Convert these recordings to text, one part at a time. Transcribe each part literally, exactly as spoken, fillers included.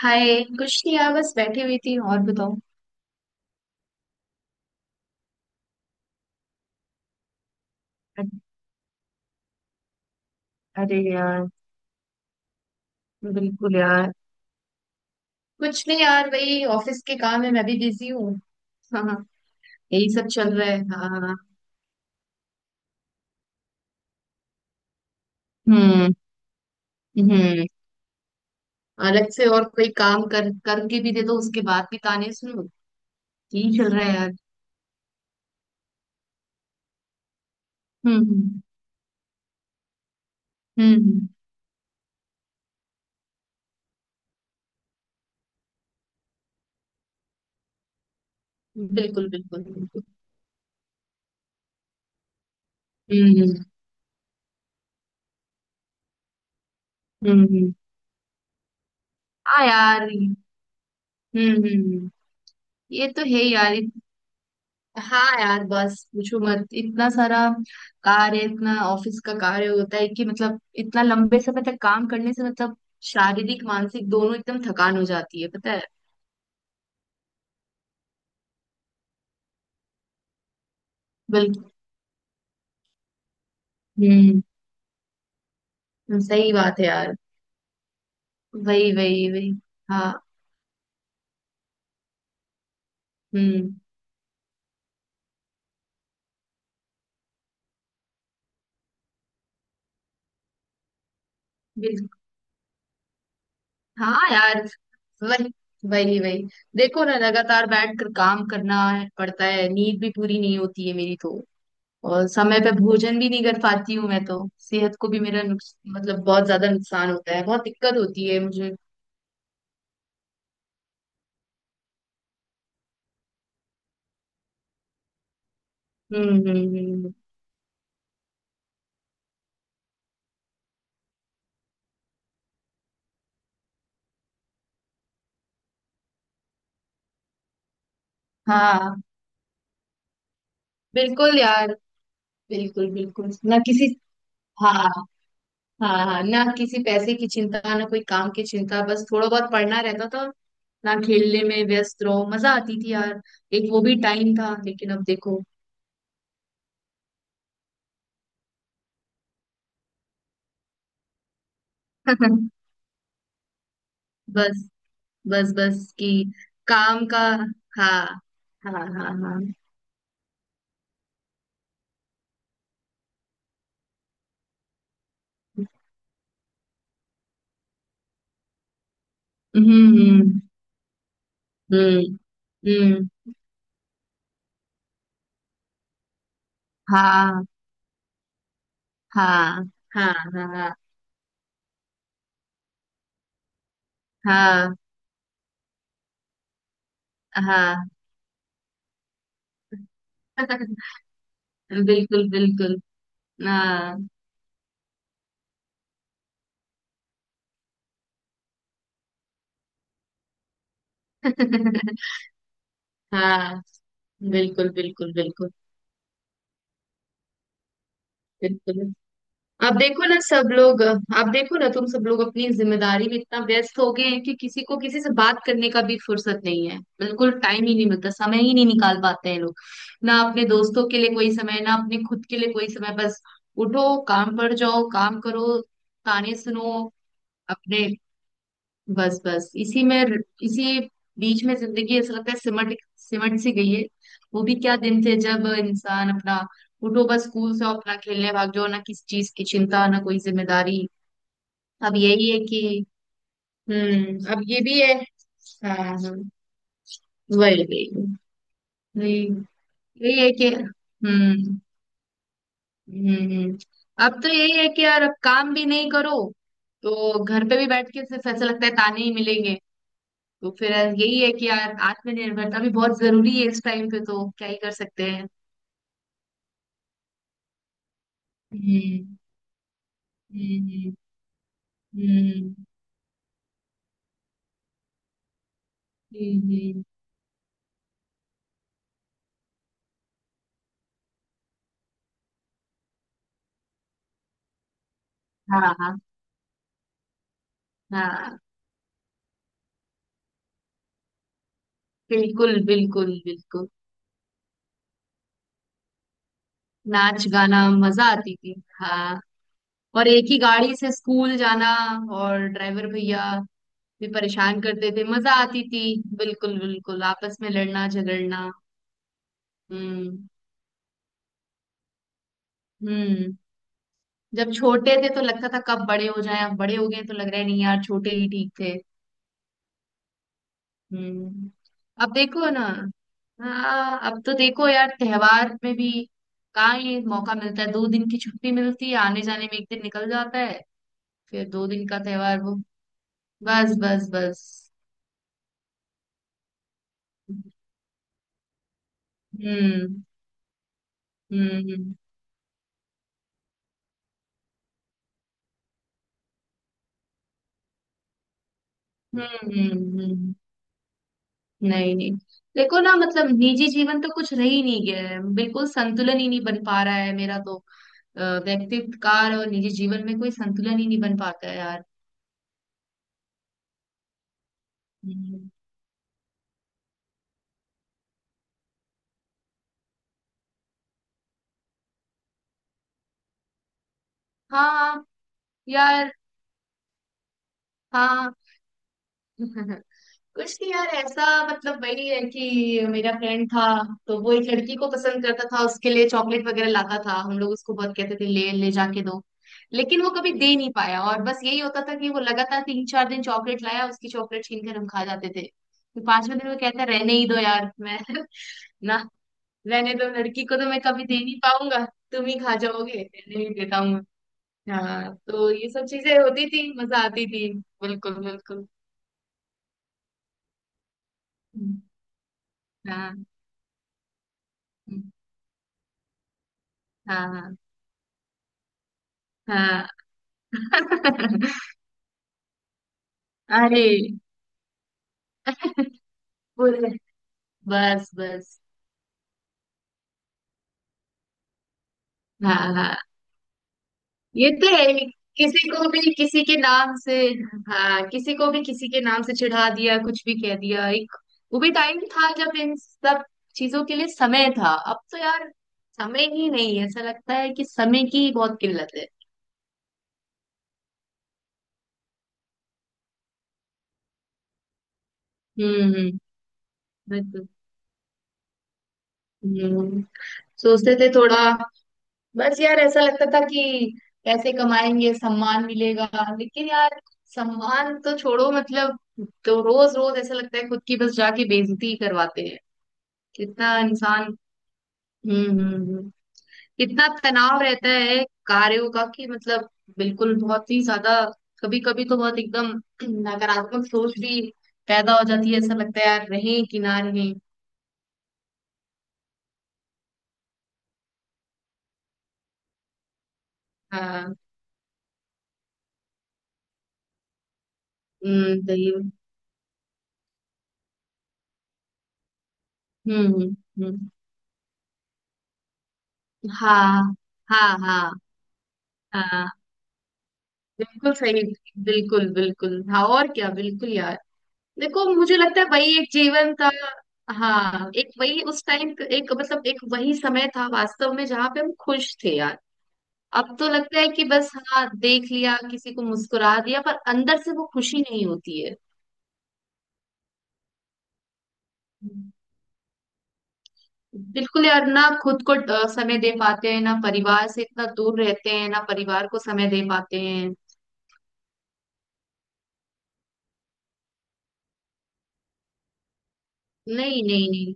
हाय। कुछ नहीं यार, बस बैठी हुई थी। और बताओ? अरे यार, बिल्कुल यार। कुछ नहीं यार, वही ऑफिस के काम है, मैं भी बिजी हूँ। हाँ हाँ, यही सब चल रहा है। हाँ हाँ। हम्म। हम्म, अलग से और कोई काम कर करके भी दे दो, उसके बाद भी ताने सुनो। यही चल रहा है यार। हम्म। हम्म। हम्म, बिल्कुल बिल्कुल बिल्कुल। हम्म, हम्म, हम्म, हाँ यार। हम्म, हम्म, ये तो है यार। हाँ यार, बस पूछो मत, इतना सारा कार्य, इतना ऑफिस का कार्य होता है कि मतलब इतना लंबे समय तक काम करने से मतलब शारीरिक मानसिक दोनों एकदम थकान हो जाती है, पता है। बिल्कुल। हम्म, हम्म, सही बात है यार। वही वही वही हाँ। हम्म। बिल्कुल। हाँ यार, वही वही वही देखो ना, लगातार बैठ कर काम करना पड़ता है, नींद भी पूरी नहीं होती है मेरी तो। और समय पे भोजन भी नहीं कर पाती हूँ मैं, तो सेहत को भी मेरा नुक्स, मतलब बहुत ज्यादा नुकसान होता है, बहुत दिक्कत होती है मुझे। हम्म हम्म हम्म, हम्म। हाँ, बिल्कुल यार। बिल्कुल बिल्कुल, ना किसी। हाँ हाँ हाँ, ना किसी पैसे की चिंता, ना कोई काम की चिंता, बस थोड़ा बहुत पढ़ना रहता था। ना, खेलने में व्यस्त रहो, मजा आती थी यार। एक वो भी टाइम था, लेकिन अब देखो। बस बस बस कि काम का। हाँ। हाँ हाँ हाँ। हम्म, हम्म। हम्म हम्म। हाँ हाँ। हाँ हाँ हाँ हाँ। बिल्कुल बिल्कुल। हाँ। हाँ। बिल्कुल बिल्कुल बिल्कुल। बिल्कुल। अब देखो ना, सब लोग अब देखो ना, तुम सब लोग अपनी जिम्मेदारी में इतना व्यस्त हो गए हैं कि किसी को किसी से बात करने का भी फुर्सत नहीं है, बिल्कुल टाइम ही नहीं मिलता, समय ही नहीं निकाल पाते हैं लोग। ना अपने दोस्तों के लिए कोई समय, ना अपने खुद के लिए कोई समय। बस उठो, काम पर जाओ, काम करो, ताने सुनो अपने। बस बस इसी में, इसी बीच में जिंदगी ऐसा लगता है सिमट सिमट सी गई है। वो भी क्या दिन थे जब इंसान अपना उठो, बस स्कूल से अपना खेलने भाग जाओ, ना किसी चीज की चिंता, ना कोई जिम्मेदारी। अब यही है कि हम्म, अब ये भी है। हाँ हाँ। वही वही वही यही है कि हम्म, हम्म, हम्म। अब तो यही है कि यार अब काम भी नहीं करो तो घर पे भी बैठ के सिर्फ ऐसा लगता है ताने ही मिलेंगे। तो फिर यही है कि यार, आत्मनिर्भरता भी बहुत जरूरी है इस टाइम पे, तो क्या ही कर सकते हैं। हम्म। हम्म हम्म हम्म, हम्म, हाँ हाँ। बिल्कुल बिल्कुल बिल्कुल। नाच गाना, मजा आती थी। हाँ। और एक ही गाड़ी से स्कूल जाना, और ड्राइवर भैया भी परेशान करते थे, मजा आती थी। बिल्कुल बिल्कुल, आपस में लड़ना झगड़ना। हम्म हम्म। जब छोटे थे तो लगता था कब बड़े हो जाएं, अब बड़े हो गए तो लग रहा है नहीं यार, छोटे ही ठीक थे। हम्म। अब देखो ना। हाँ, अब तो देखो यार, त्योहार में भी कहाँ ये मौका मिलता है, दो दिन की छुट्टी मिलती है, आने जाने में एक दिन निकल जाता है। फिर दो दिन का त्योहार, वो बस बस बस। हम्म हम्म, हम्म हम्म, हम्म। नहीं नहीं। देखो ना, मतलब निजी जीवन तो कुछ रह ही नहीं गया है, बिल्कुल संतुलन ही नहीं बन पा रहा है मेरा तो। अ, व्यक्तित्व कार और निजी जीवन में कोई संतुलन ही नहीं बन पाता है यार। हम्म। हाँ यार। हाँ। कुछ नहीं यार, ऐसा मतलब वही है कि मेरा फ्रेंड था, तो वो एक लड़की को पसंद करता था, उसके लिए चॉकलेट वगैरह लाता था। हम लोग उसको बहुत कहते थे, ले ले जाके दो, लेकिन वो कभी दे नहीं पाया। और बस यही होता था कि वो लगातार तीन चार दिन चॉकलेट लाया, उसकी चॉकलेट छीन कर हम खा जाते थे। फिर पांचवें दिन वो कहता रहने ही दो यार मैं। ना, रहने दो, लड़की को तो मैं कभी दे नहीं पाऊंगा, तुम ही खा जाओगे, रहने नहीं देता हूँ मैं। हाँ, तो ये सब चीजें होती थी, मजा आती थी। बिल्कुल बिल्कुल। हम्म, हाँ हाँ हाँ। अरे पूरे बस बस। हाँ हाँ, ये तो है ही। किसी को भी किसी के नाम से, हाँ किसी को भी किसी के नाम से चिढ़ा दिया, कुछ भी कह दिया। एक वो भी टाइम था जब इन सब चीजों के लिए समय था। अब तो यार समय ही नहीं है, ऐसा लगता है कि समय की ही बहुत किल्लत है। हम्म हम्म, बिल्कुल। हम्म। सोचते थे थोड़ा, बस यार ऐसा लगता था कि पैसे कमाएंगे, सम्मान मिलेगा। लेकिन यार, सम्मान तो छोड़ो मतलब, तो रोज रोज ऐसा लगता है खुद की बस जाके बेइज्जती ही करवाते हैं कितना इंसान। हम्म हम्म हम्म। कितना तनाव रहता है कार्यों का, कि मतलब बिल्कुल बहुत ही ज्यादा। कभी कभी तो बहुत एकदम नकारात्मक सोच भी पैदा हो जाती है, ऐसा लगता है यार रहें कि ना रहें। हाँ। हम्म सही। हम्म हम्म हम्म। हाँ हाँ हाँ हाँ, बिल्कुल सही। बिल्कुल बिल्कुल, हाँ, और क्या, बिल्कुल यार। देखो मुझे लगता है वही एक जीवन था। हाँ, एक वही उस टाइम, एक मतलब एक वही समय था वास्तव में जहाँ पे हम खुश थे यार। अब तो लगता है कि बस हाँ देख लिया किसी को, मुस्कुरा दिया, पर अंदर से वो खुशी नहीं होती है। बिल्कुल यार, ना खुद को अ, समय दे पाते हैं, ना परिवार से इतना दूर रहते हैं, ना परिवार को समय दे पाते हैं। नहीं नहीं नहीं।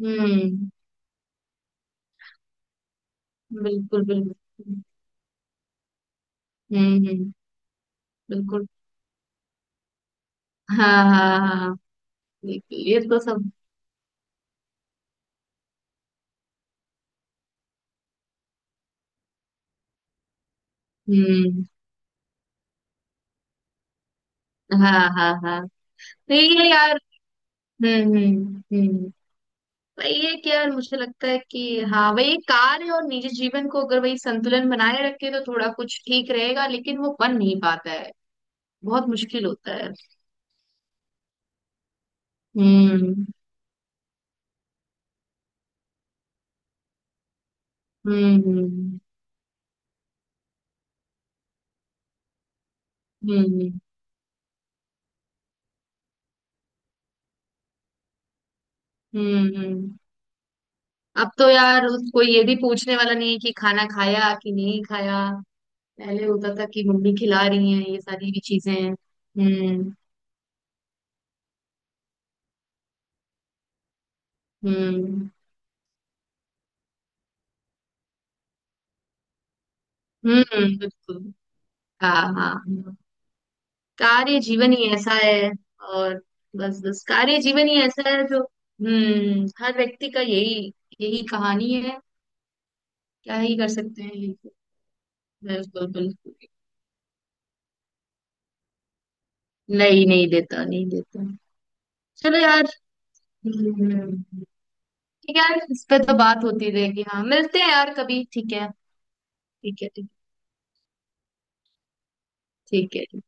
हम्म। बिल्कुल बिल्कुल। हम्म हम्म। बिल्कुल। हाँ हाँ हाँ हाँ, हाँ, बिल्कुल, ये तो सब। हम्म। हाँ हाँ हाँ। तो ये यार। हम्म हम्म हम्म। भाई ये क्या यार, मुझे लगता है कि हाँ वही कार्य और निजी जीवन को अगर वही संतुलन बनाए रखे तो थोड़ा कुछ ठीक रहेगा, लेकिन वो बन नहीं पाता है। बहुत मुश्किल होता है। हम्म हम्म हम्म। हम्म हम्म हम्म। अब तो यार उसको ये भी पूछने वाला नहीं है कि खाना खाया कि नहीं खाया। पहले होता था कि मम्मी खिला रही है, ये सारी भी चीजें हैं। हम्म। हम्म हम्म। बिल्कुल। हाँ हाँ हाँ। कार्य जीवन ही ऐसा है। और बस बस कार्य जीवन ही ऐसा है, जो हम्म हर व्यक्ति का यही, यही कहानी है। क्या ही कर सकते हैं, ये तो। बिल्कुल बिल्कुल। नहीं नहीं देता, नहीं देता। चलो यार। हम्म, ठीक है यार, इस पे तो बात होती रहेगी। हाँ, मिलते हैं यार कभी, ठीक है। ठीक है ठीक है ठीक है।